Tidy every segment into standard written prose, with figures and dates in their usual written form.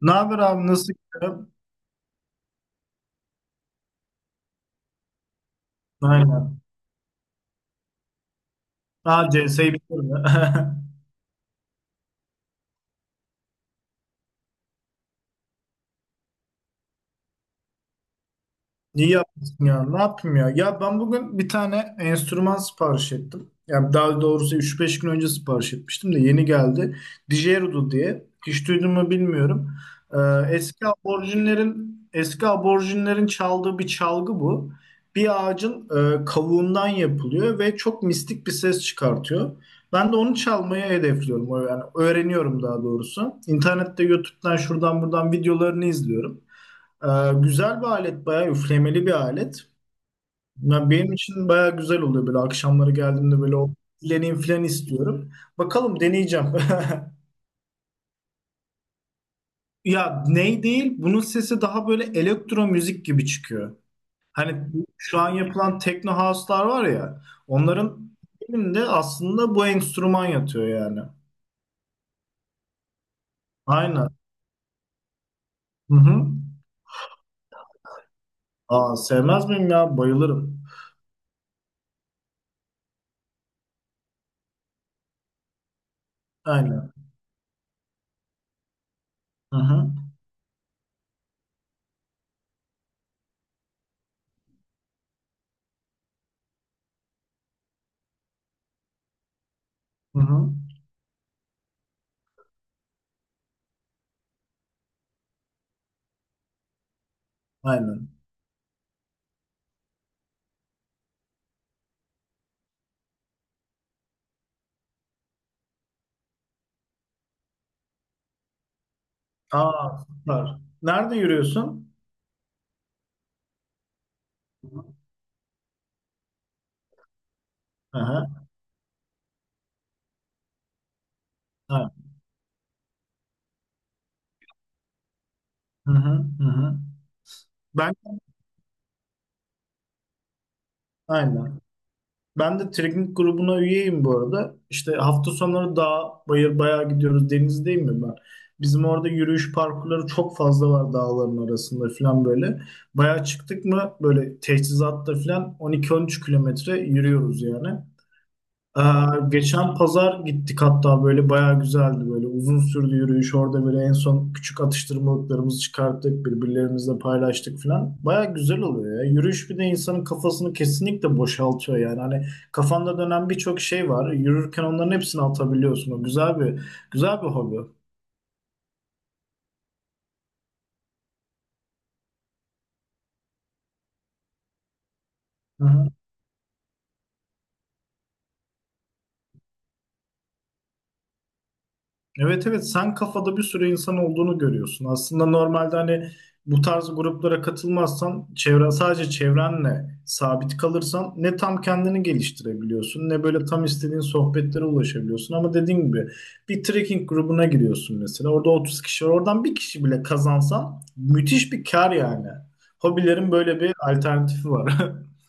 Ne haber abi, nasıl gidiyor? Aynen. Daha CS'yi bitirdi. İyi yapmışsın ya. Ne yapayım ya? Ya ben bugün bir tane enstrüman sipariş ettim. Yani daha doğrusu üç beş gün önce sipariş etmiştim de yeni geldi. Digerudo diye. Hiç duydun mu bilmiyorum. Ee, eski aborjinlerin çaldığı bir çalgı bu. Bir ağacın kavuğundan yapılıyor ve çok mistik bir ses çıkartıyor. Ben de onu çalmayı hedefliyorum. Yani öğreniyorum daha doğrusu. İnternette, YouTube'dan, şuradan buradan videolarını izliyorum. Güzel bir alet, bayağı üflemeli bir alet. Ya benim için bayağı güzel oluyor, böyle akşamları geldiğimde böyle o üfleneyim falan istiyorum. Bakalım, deneyeceğim. Ya ney değil, bunun sesi daha böyle elektro müzik gibi çıkıyor. Hani şu an yapılan techno house'lar var ya, onların de aslında bu enstrüman yatıyor yani. Aynen. Hı hı. Aa, sevmez miyim ya? Bayılırım. Aynen. Hı hı. Hı hı. Aynen. Aa, süper. Nerede yürüyorsun? Aha, ha, hı hı, hı hı. Ben aynen. Ben de trekking grubuna üyeyim bu arada. İşte hafta sonları dağ, bayır bayağı gidiyoruz. Denizdeyim mi ben? Bizim orada yürüyüş parkurları çok fazla var, dağların arasında falan böyle. Bayağı çıktık mı böyle teçhizatta falan 12-13 kilometre yürüyoruz yani. Ee, Geçen pazar gittik hatta, böyle bayağı güzeldi, böyle uzun sürdü yürüyüş orada, böyle en son küçük atıştırmalıklarımızı çıkarttık, birbirlerimizle paylaştık falan. Bayağı güzel oluyor ya yürüyüş, bir de insanın kafasını kesinlikle boşaltıyor yani. Hani kafanda dönen birçok şey var, yürürken onların hepsini atabiliyorsun. O güzel bir hobi. Hı hı. Evet, evet, sen kafada bir sürü insan olduğunu görüyorsun. Aslında normalde hani bu tarz gruplara katılmazsan, çevren sadece çevrenle sabit kalırsan, ne tam kendini geliştirebiliyorsun ne böyle tam istediğin sohbetlere ulaşabiliyorsun. Ama dediğim gibi bir trekking grubuna giriyorsun mesela, orada 30 kişi var, oradan bir kişi bile kazansan müthiş bir kar yani. Hobilerin böyle bir alternatifi var.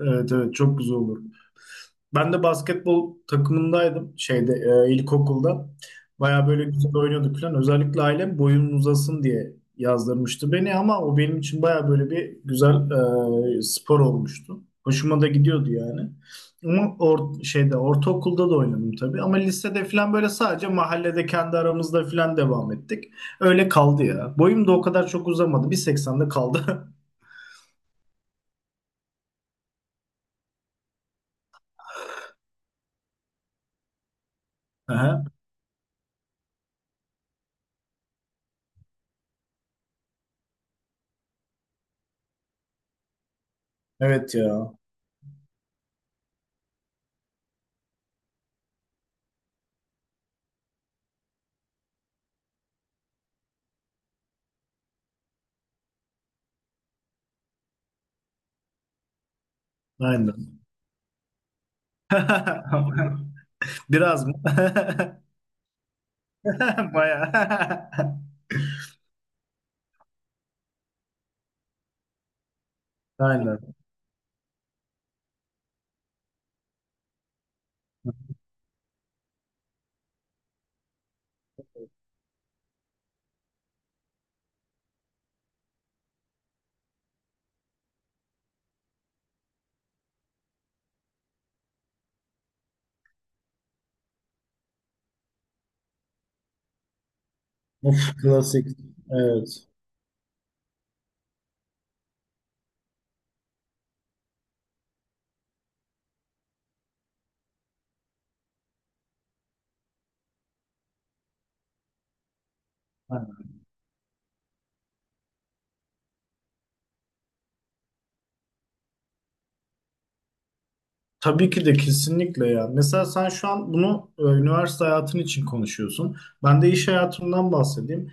Evet, evet, çok güzel olur. Ben de basketbol takımındaydım şeyde, ilkokulda. Baya böyle güzel oynuyorduk falan. Özellikle ailem boyun uzasın diye yazdırmıştı beni, ama o benim için baya böyle bir güzel spor olmuştu. Hoşuma da gidiyordu yani. Ama or şeyde ortaokulda da oynadım tabii, ama lisede falan böyle sadece mahallede kendi aramızda falan devam ettik. Öyle kaldı ya. Boyum da o kadar çok uzamadı. 1.80'de kaldı. Aha. Evet ya. Aynen. Biraz mı? Bayağı. Aynen. Of, klasik. Evet. Tabii ki de, kesinlikle ya. Mesela sen şu an bunu üniversite hayatın için konuşuyorsun. Ben de iş hayatımdan bahsedeyim.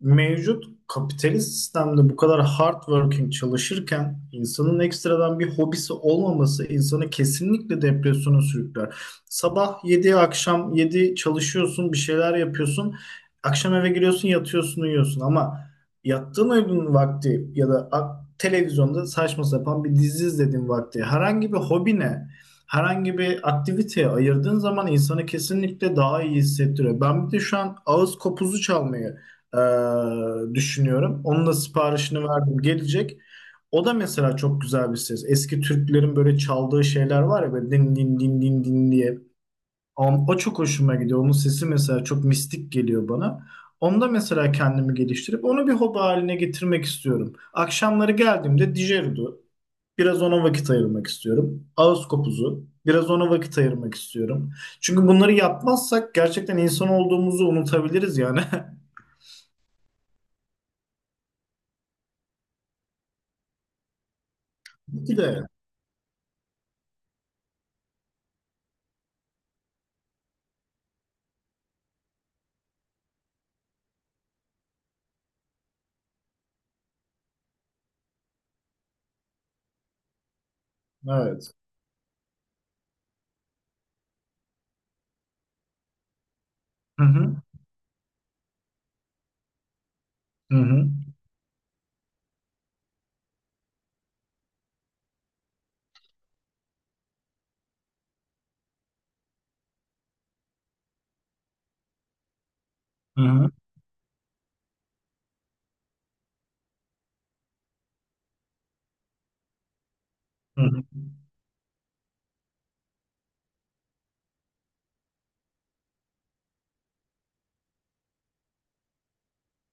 Mevcut kapitalist sistemde bu kadar hard working çalışırken, insanın ekstradan bir hobisi olmaması insanı kesinlikle depresyona sürükler. Sabah 7 akşam 7 çalışıyorsun, bir şeyler yapıyorsun. Akşam eve giriyorsun, yatıyorsun, uyuyorsun, ama yattığın uyuduğun vakti ya da televizyonda saçma sapan bir dizi izlediğin vakti herhangi bir hobine, herhangi bir aktiviteye ayırdığın zaman insanı kesinlikle daha iyi hissettiriyor. Ben bir de şu an ağız kopuzu çalmayı e, düşünüyorum. Onun da siparişini verdim. Gelecek. O da mesela çok güzel bir ses. Eski Türklerin böyle çaldığı şeyler var ya, böyle din din din din din diye. O çok hoşuma gidiyor. Onun sesi mesela çok mistik geliyor bana. Onda mesela kendimi geliştirip onu bir hobi haline getirmek istiyorum. Akşamları geldiğimde Dijerudu, biraz ona vakit ayırmak istiyorum. Ağız kopuzu, biraz ona vakit ayırmak istiyorum. Çünkü bunları yapmazsak gerçekten insan olduğumuzu unutabiliriz yani. Bir de evet. Hı hı. Hı hı. Hı hı. Hı hı.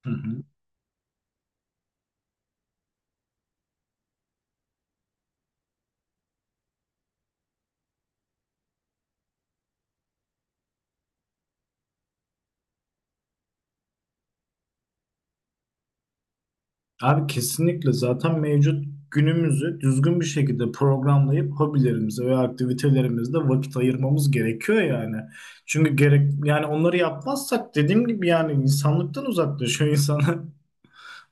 Hı hı. Abi kesinlikle, zaten mevcut günümüzü düzgün bir şekilde programlayıp hobilerimize ve aktivitelerimizde vakit ayırmamız gerekiyor yani. Çünkü gerek yani, onları yapmazsak dediğim gibi yani insanlıktan uzaklaşıyor insan.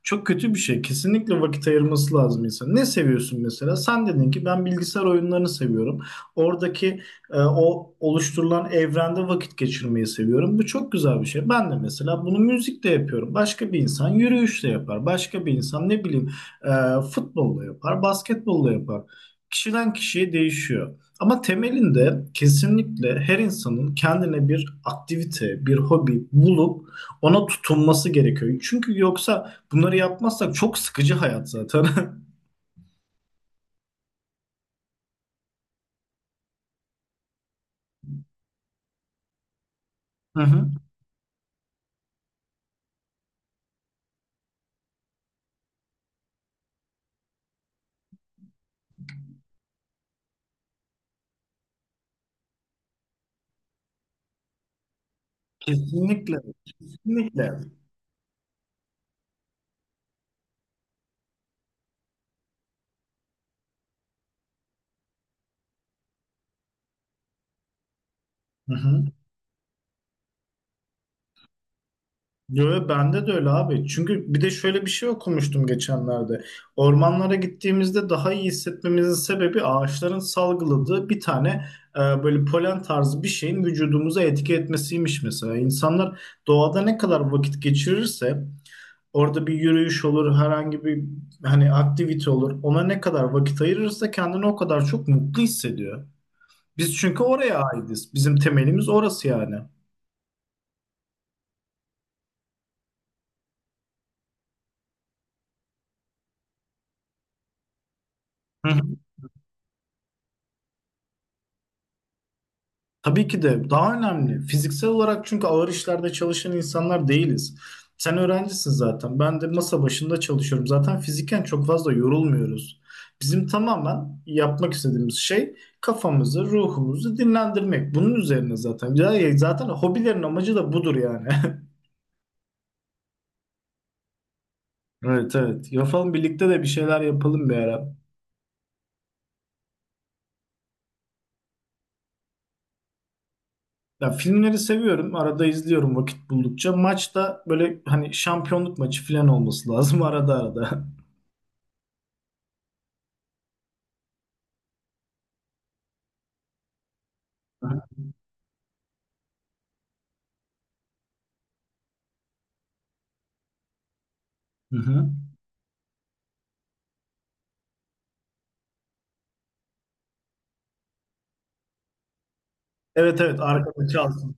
Çok kötü bir şey. Kesinlikle vakit ayırması lazım insan. Ne seviyorsun mesela? Sen dedin ki ben bilgisayar oyunlarını seviyorum. Oradaki o oluşturulan evrende vakit geçirmeyi seviyorum. Bu çok güzel bir şey. Ben de mesela bunu müzikle yapıyorum. Başka bir insan yürüyüşle yapar. Başka bir insan ne bileyim futbolla yapar, basketbolla yapar. Kişiden kişiye değişiyor. Ama temelinde kesinlikle her insanın kendine bir aktivite, bir hobi bulup ona tutunması gerekiyor. Çünkü yoksa bunları yapmazsak çok sıkıcı hayat zaten. Hı hı. Kesinlikle, kesinlikle. Hı hı. Yo, yo, bende de öyle abi. Çünkü bir de şöyle bir şey okumuştum geçenlerde. Ormanlara gittiğimizde daha iyi hissetmemizin sebebi ağaçların salgıladığı bir tane böyle polen tarzı bir şeyin vücudumuza etki etmesiymiş mesela. İnsanlar doğada ne kadar vakit geçirirse, orada bir yürüyüş olur, herhangi bir hani aktivite olur, ona ne kadar vakit ayırırsa kendini o kadar çok mutlu hissediyor. Biz çünkü oraya aitiz. Bizim temelimiz orası yani. Hı hı. Tabii ki de daha önemli. Fiziksel olarak çünkü ağır işlerde çalışan insanlar değiliz. Sen öğrencisin zaten. Ben de masa başında çalışıyorum. Zaten fiziken çok fazla yorulmuyoruz. Bizim tamamen yapmak istediğimiz şey kafamızı, ruhumuzu dinlendirmek. Bunun üzerine zaten. Zaten hobilerin amacı da budur yani. Evet, evet. Yapalım, birlikte de bir şeyler yapalım bir ara. Ya, filmleri seviyorum. Arada izliyorum vakit buldukça. Maçta böyle hani şampiyonluk maçı falan olması lazım arada arada. Hı hı. Evet, evet, arkada çalsın.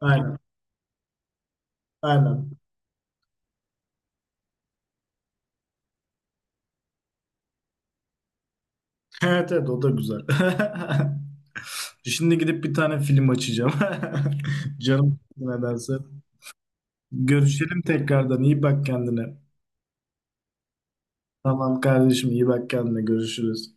Aynen. Aynen. Evet, evet, o da güzel. Şimdi gidip bir tane film açacağım. Canım nedense. Görüşelim tekrardan. İyi bak kendine. Tamam kardeşim, iyi bak kendine. Görüşürüz.